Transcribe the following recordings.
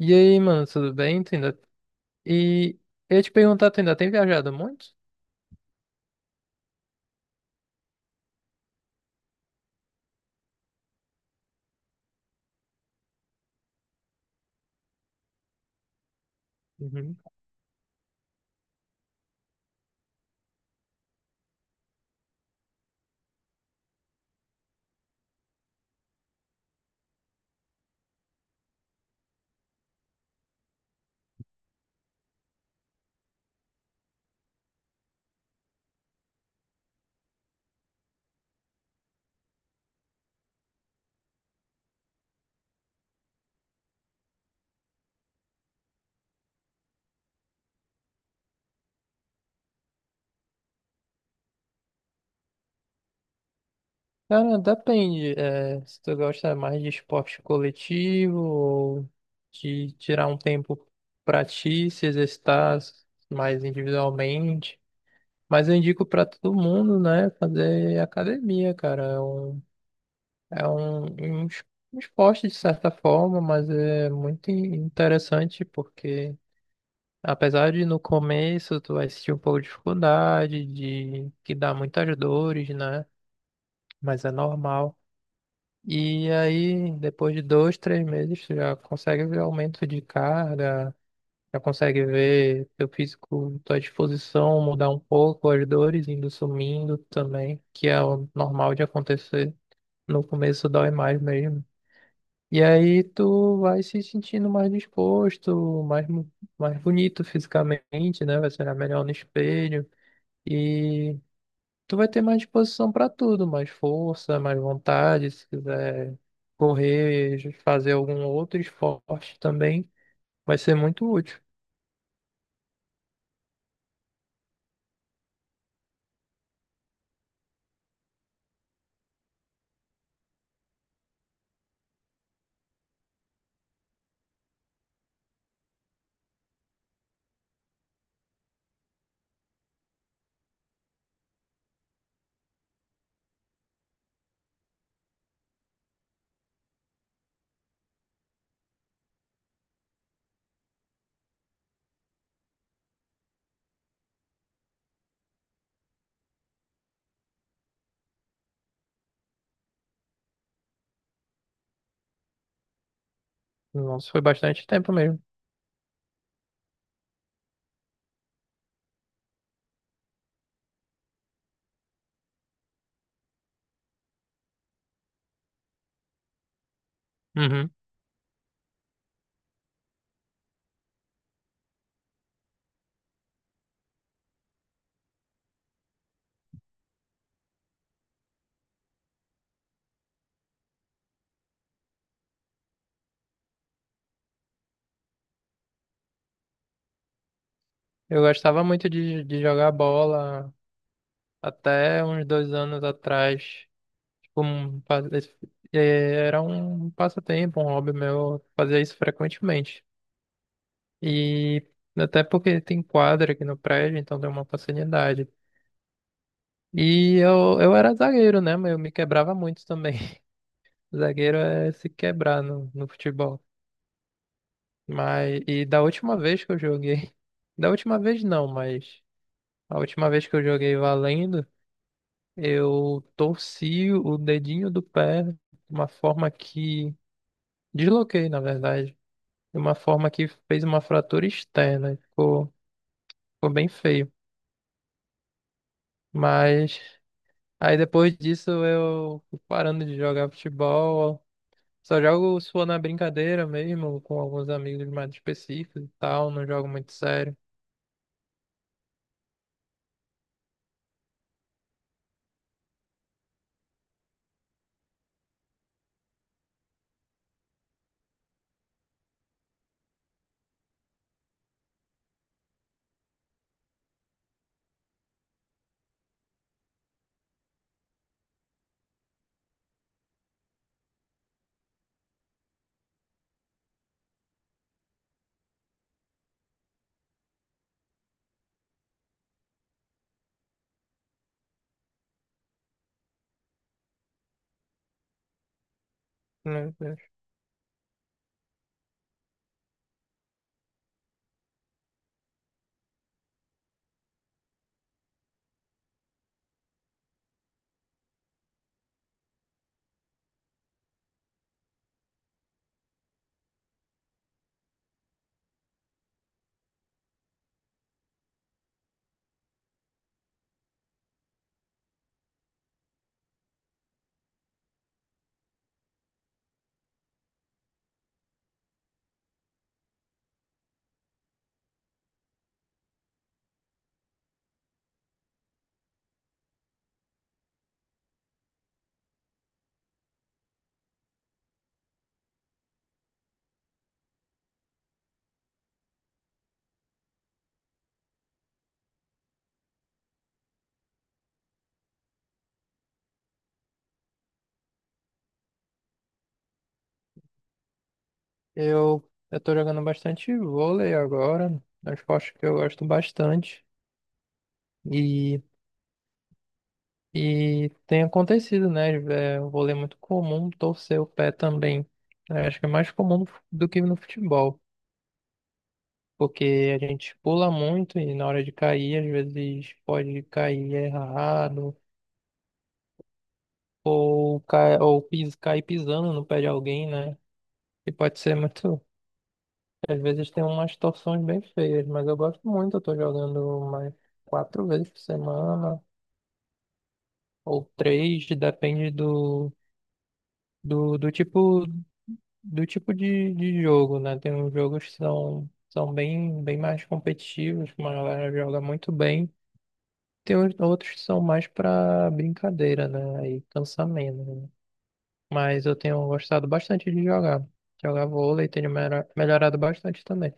E aí, mano, tudo bem? E eu ia te perguntar, tu ainda tem viajado muito? Uhum. Cara, depende, se tu gosta mais de esporte coletivo ou de tirar um tempo pra ti, se exercitar mais individualmente. Mas eu indico para todo mundo, né, fazer academia, cara. É um, é um, um es- um esporte de certa forma, mas é muito interessante porque, apesar de no começo tu vai sentir um pouco de dificuldade, de que dá muitas dores, né, mas é normal. E aí, depois de 2, 3 meses, tu já consegue ver aumento de carga, já consegue ver teu físico, tua disposição mudar um pouco, as dores indo sumindo também, que é o normal de acontecer. No começo dói mais mesmo. E aí tu vai se sentindo mais disposto, mais bonito fisicamente, né? Vai ser melhor no espelho. E tu vai ter mais disposição para tudo, mais força, mais vontade, se quiser correr, fazer algum outro esporte também, vai ser muito útil. Nossa, foi bastante tempo mesmo. Uhum. Eu gostava muito de jogar bola até uns 2 anos atrás. Tipo, um pa- Era um passatempo, um hobby meu. Eu Fazia isso frequentemente. E até porque tem quadra aqui no prédio, então deu uma facilidade. E eu era zagueiro, né? Mas eu me quebrava muito também. Zagueiro é se quebrar no futebol. Mas, e da última vez que eu joguei. Da última vez não, mas a última vez que eu joguei valendo. Eu torci o dedinho do pé de uma forma que. Desloquei, na verdade. De uma forma que fez uma fratura externa. Ficou bem feio. Mas aí depois disso eu fui parando de jogar futebol. Só jogo só na brincadeira mesmo, com alguns amigos mais específicos e tal. Não jogo muito sério. Né? Né. Eu tô jogando bastante vôlei agora. É um esporte que eu gosto bastante. e E tem acontecido, né? É um vôlei muito comum torcer o pé também. Eu acho que é mais comum do que no futebol, porque a gente pula muito e na hora de cair, às vezes pode cair errado, ou, cai, ou pis, cair pisando no pé de alguém, né? E pode ser muito. Às vezes tem umas torções bem feias, mas eu gosto muito. Eu tô jogando mais 4 vezes por semana, ou 3, depende do tipo. Do tipo de jogo, né? Tem uns jogos que são, são bem, bem mais competitivos, que uma galera joga muito bem. Tem outros que são mais pra brincadeira, né? Aí cansa menos, né? Mas eu tenho gostado bastante de jogar. Jogar vôlei tenho melhorado bastante também.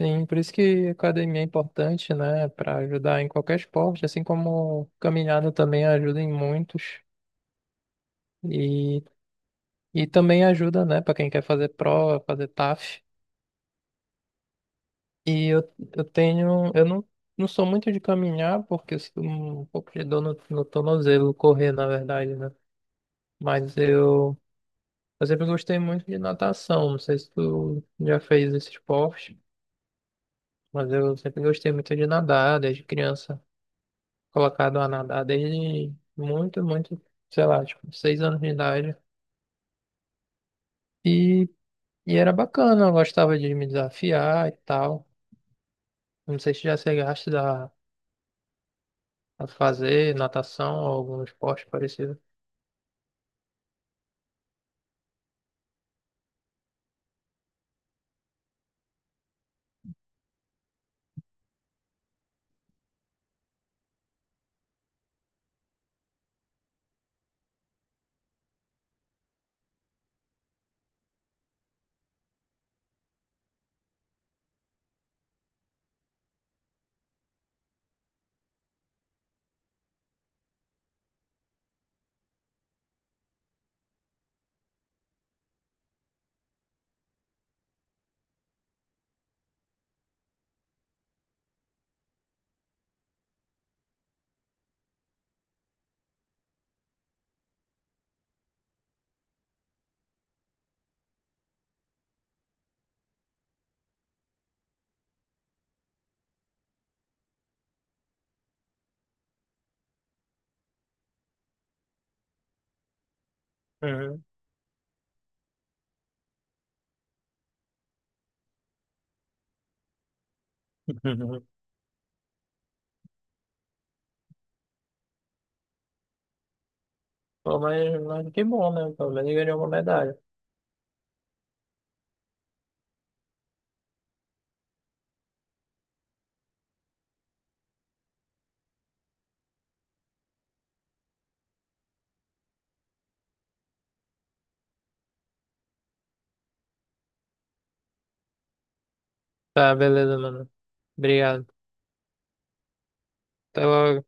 Sim, por isso que academia é importante, né? Pra ajudar em qualquer esporte, assim como caminhada também ajuda em muitos. E, e também ajuda, né? Pra quem quer fazer prova, fazer TAF. E eu tenho. Eu não, Não sou muito de caminhar, porque eu sinto um pouco de dor no tornozelo, correr, na verdade, né? Mas eu sempre gostei muito de natação. Não sei se tu já fez esse esporte, mas eu sempre gostei muito de nadar, desde criança. Colocado a nadar desde muito, muito, sei lá, tipo, 6 anos de idade. E, e era bacana, eu gostava de me desafiar e tal. Não sei se já chegaste a fazer natação ou algum esporte parecido. Uhum. Uhum. Pô, mas que bom, né? Pelo menos ganhou uma medalha. Tá, beleza, mano. Obrigado. Então,